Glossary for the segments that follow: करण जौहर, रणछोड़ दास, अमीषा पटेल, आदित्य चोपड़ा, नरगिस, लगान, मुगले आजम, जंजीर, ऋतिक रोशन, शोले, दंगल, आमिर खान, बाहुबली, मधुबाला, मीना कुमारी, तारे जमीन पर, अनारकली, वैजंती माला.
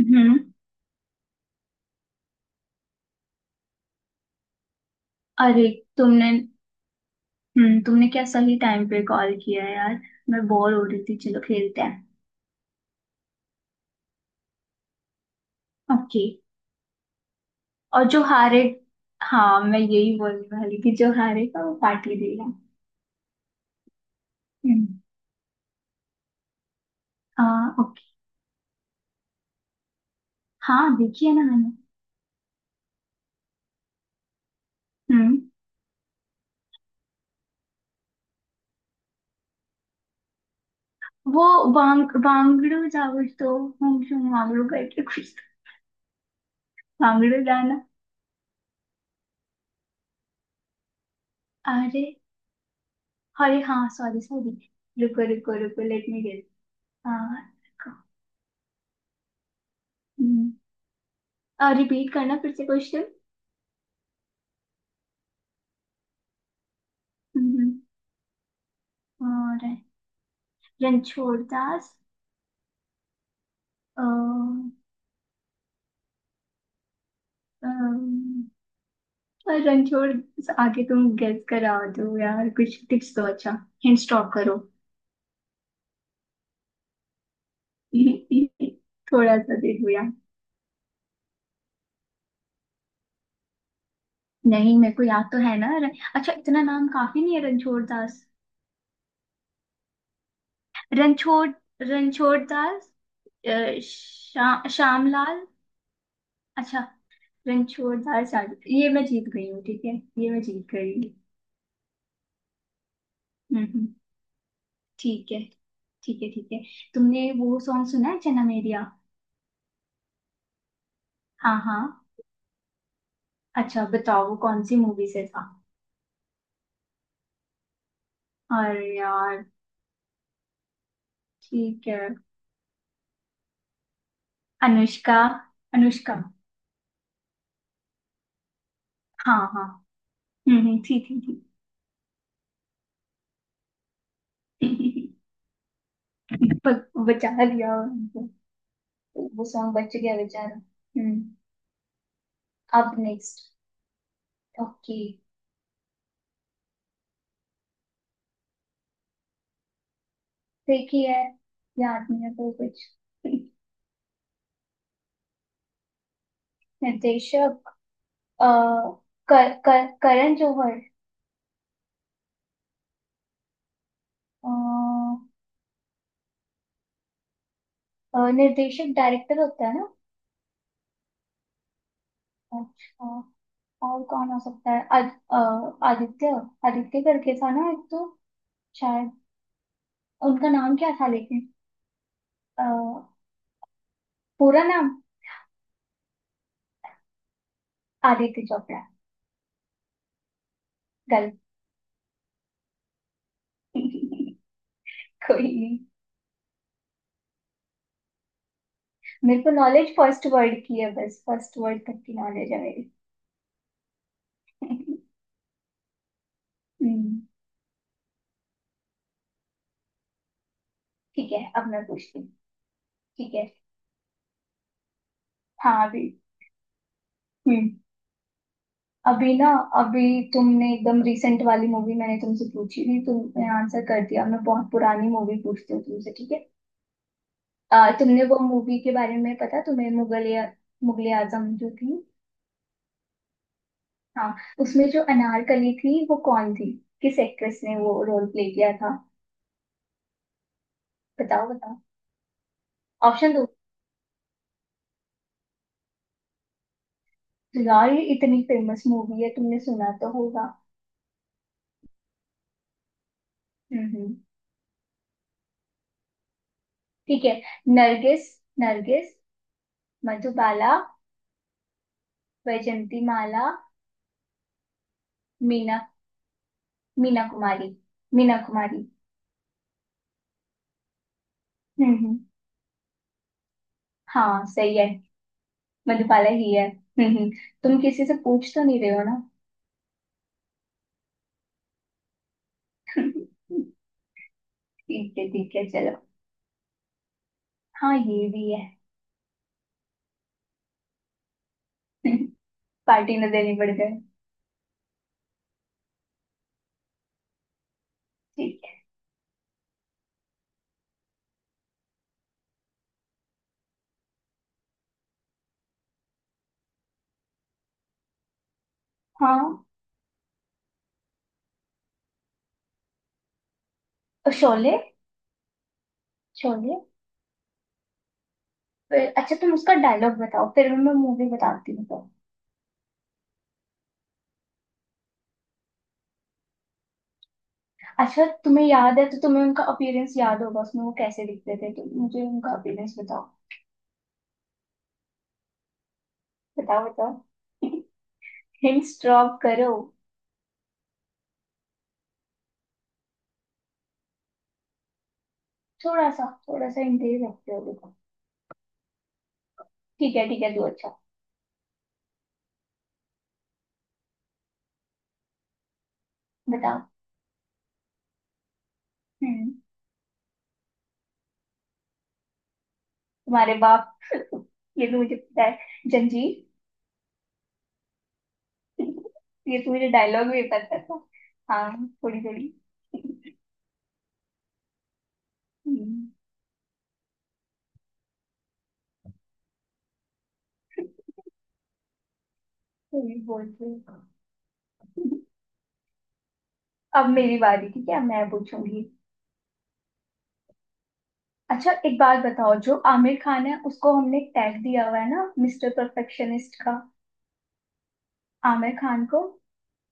हम्म। अरे, तुमने तुमने क्या सही टाइम पे कॉल किया यार। मैं बोर हो रही थी, चलो खेलते हैं। ओके। और जो हारे। हाँ, मैं यही बोलने वाली थी, जो हारेगा वो पार्टी देगा। हम्म। हाँ। ओके। हाँ, देखिए ना मैंने। हम्म। वो वांगड़ू जा कुछ तो। हम जो वांगड़ू करके कुछ तो। वांगड़ू जाना। अरे। अरे हाँ, सॉरी सॉरी। रुको रुको रुको, लेट मी गेस। हाँ। रिपीट करना फिर से क्वेश्चन। और रणछोड़ दास। अ, अम, रणछोड़। आगे तुम गेस करा दो यार, कुछ टिप्स दो। अच्छा, हिंट स्टॉप करो। थोड़ा सा दे दो यार। नहीं, मेरे को याद तो है ना। अच्छा, इतना नाम काफी नहीं है? रणछोड़ दास। रणछोड़। रणछोड़ दास। श्यामलाल। अच्छा। रणछोड़ दास आगे, ये मैं जीत गई हूँ, ठीक है। ये मैं जीत गई हूँ। हम्म। ठीक है। ठीक है ठीक है। तुमने वो सॉन्ग सुना है जन्म एरिया? हाँ हाँ। अच्छा बताओ वो कौन सी मूवी से था। अरे यार। ठीक है। अनुष्का। अनुष्का। हाँ हाँ। ठीक ठीक। ठीक। बचा लिया उनको। वो सॉन्ग बच गया बेचारा। हम्म। अब नेक्स्ट। ओके। देखिए। याद नहीं है कोई कुछ। निर्देशक। अ, कर, कर, करण जौहर। अ, निर्देशक डायरेक्टर होता है ना। अच्छा। और कौन हो सकता है? आदित्य। आदित्य करके था ना एक तो। शायद। उनका नाम क्या था लेकिन? अ, पूरा नाम। आदित्य चोपड़ा। गलत। कोई नहीं। मेरे को नॉलेज फर्स्ट वर्ड की है, बस फर्स्ट वर्ड तक की नॉलेज है मेरी। हम्म। ठीक है। अब मैं पूछती हूँ, ठीक है। हाँ अभी। हम्म अभी ना। अभी। तुमने एकदम रिसेंट वाली मूवी मैंने तुमसे पूछी थी, तुमने आंसर कर दिया, मैं बहुत पुरानी मूवी पूछती हूँ तुमसे, ठीक है। तुमने वो मूवी के बारे में पता तुम्हें, मुगल या मुगले आजम जो थी। हाँ। उसमें जो अनारकली थी, वो कौन थी? किस एक्ट्रेस ने वो रोल प्ले किया था? बताओ बताओ। ऑप्शन दो यार, ये इतनी फेमस मूवी है, तुमने सुना तो होगा। हम्म। ठीक है। नरगिस। नरगिस। मधुबाला। वैजंती माला। मीना मीना कुमारी। मीना कुमारी। हम्म। हाँ सही है। मधुबाला ही है। हम्म। तुम किसी से पूछ तो नहीं रहे हो? ना। ठीक है चलो। हाँ ये भी है। पार्टी न देनी पड़ जाए। ठीक है। हाँ। और शोले। शोले। फिर अच्छा, तुम उसका डायलॉग बताओ फिर मैं मूवी बताती हूँ तो। अच्छा तुम्हें याद है तो तुम्हें उनका अपीयरेंस याद होगा, उसमें वो कैसे दिखते थे, तो मुझे उनका अपीयरेंस बताओ। बताओ बताओ। हिंट्स ड्रॉप करो। थोड़ा सा हिंट दे सकते हो देखो। ठीक है तो। अच्छा बताओ। हम्म। तुम्हारे बाप। ये तो मुझे पता है, जंजीर। ये तो मुझे डायलॉग भी पता था। हाँ। थोड़ी थोड़ी। हम्म, थोड़ी बहुत थोड़ी। अब मेरी बारी, ठीक है, मैं पूछूंगी। अच्छा एक बात बताओ, जो आमिर खान है उसको हमने टैग दिया हुआ है ना मिस्टर परफेक्शनिस्ट का। आमिर खान को।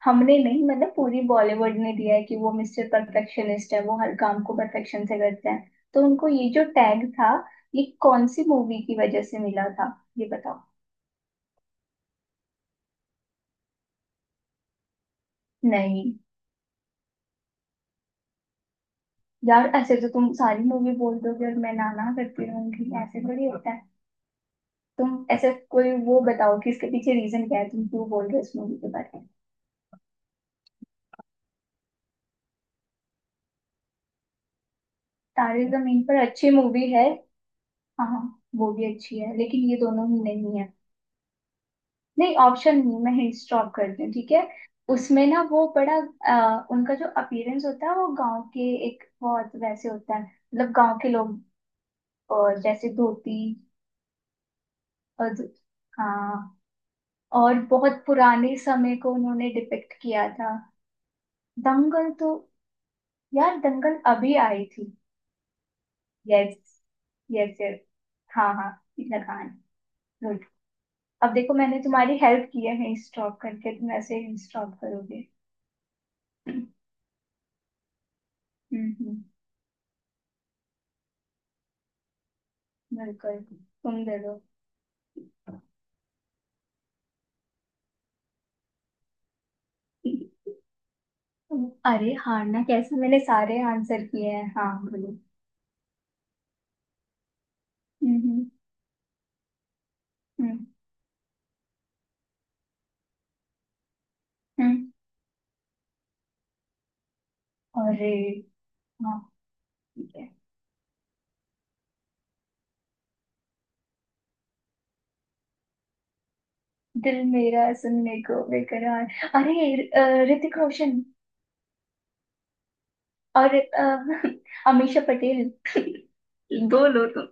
हमने नहीं मतलब पूरी बॉलीवुड ने दिया है कि वो मिस्टर परफेक्शनिस्ट है, वो हर काम को परफेक्शन से करते हैं, तो उनको ये जो टैग था, ये कौन सी मूवी की वजह से मिला था, ये बताओ। नहीं। यार ऐसे तो तुम सारी मूवी बोल दोगे और मैं ना ना करती रहूंगी, ऐसे थोड़ी होता है। तुम ऐसे कोई वो बताओ कि इसके पीछे रीजन क्या है, तुम क्यों बोल रहे हो इस मूवी के बारे में। तारे जमीन पर अच्छी मूवी है। हाँ हाँ, वो भी अच्छी है लेकिन ये दोनों ही नहीं है। नहीं ऑप्शन नहीं, मैं हिंट स्टॉप करती हूँ, ठीक है। उसमें ना वो बड़ा। उनका जो अपीयरेंस होता है वो गांव के एक बहुत वैसे होता है, मतलब गांव के लोग। जैसे धोती। और। हाँ। और बहुत पुराने समय को उन्होंने डिपिक्ट किया था। दंगल तो। यार दंगल अभी आई थी। यस। Yes yes. हाँ हाँ। लगान। गुड। अब देखो मैंने तुम्हारी हेल्प की है स्टॉप करके, तुम ऐसे ही स्टॉप करोगे। हम्म हम्म। बिल्कुल। तुम दे दो। अरे हारना कैसे, मैंने सारे आंसर किए हैं। हाँ बोलो। हम्म। हम्म हम्म। अरे। हाँ। ठीक है। दिल मेरा सुनने को बेकरार। अरे, ऋतिक रोशन। और अमीषा पटेल। बोलो तुम।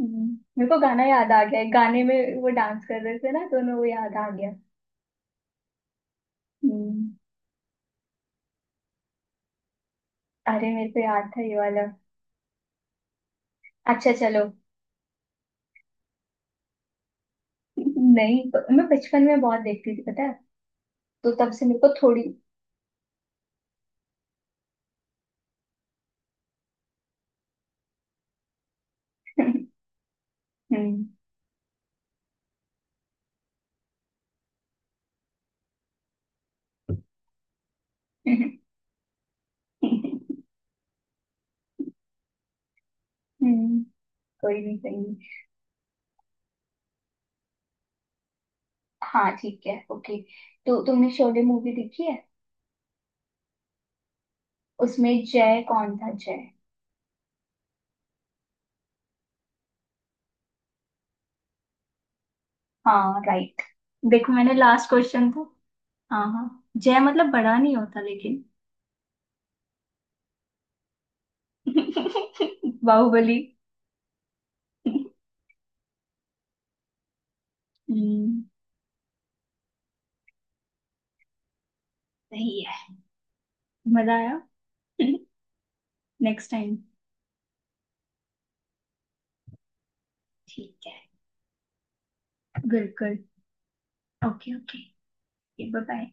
मेरे को गाना याद आ गया है। गाने में वो डांस कर रहे थे ना दोनों, वो याद आ गया। हम्म। अरे मेरे को याद था ये वाला। अच्छा चलो। नहीं। मैं बचपन में बहुत देखती थी पता है। तो तब से मेरे को थोड़ी। हम्म हम्म। कोई नहीं कोई नहीं। हाँ ठीक है ओके। तो तुमने शोले मूवी देखी है? उसमें जय कौन था, जय? हाँ राइट। देखो मैंने लास्ट क्वेश्चन था। हाँ हाँ, जय मतलब बड़ा नहीं होता लेकिन। बाहुबली। हम्म। सही है। मजा आया। Next time. ठीक है। बिल्कुल। Okay okay. Bye bye.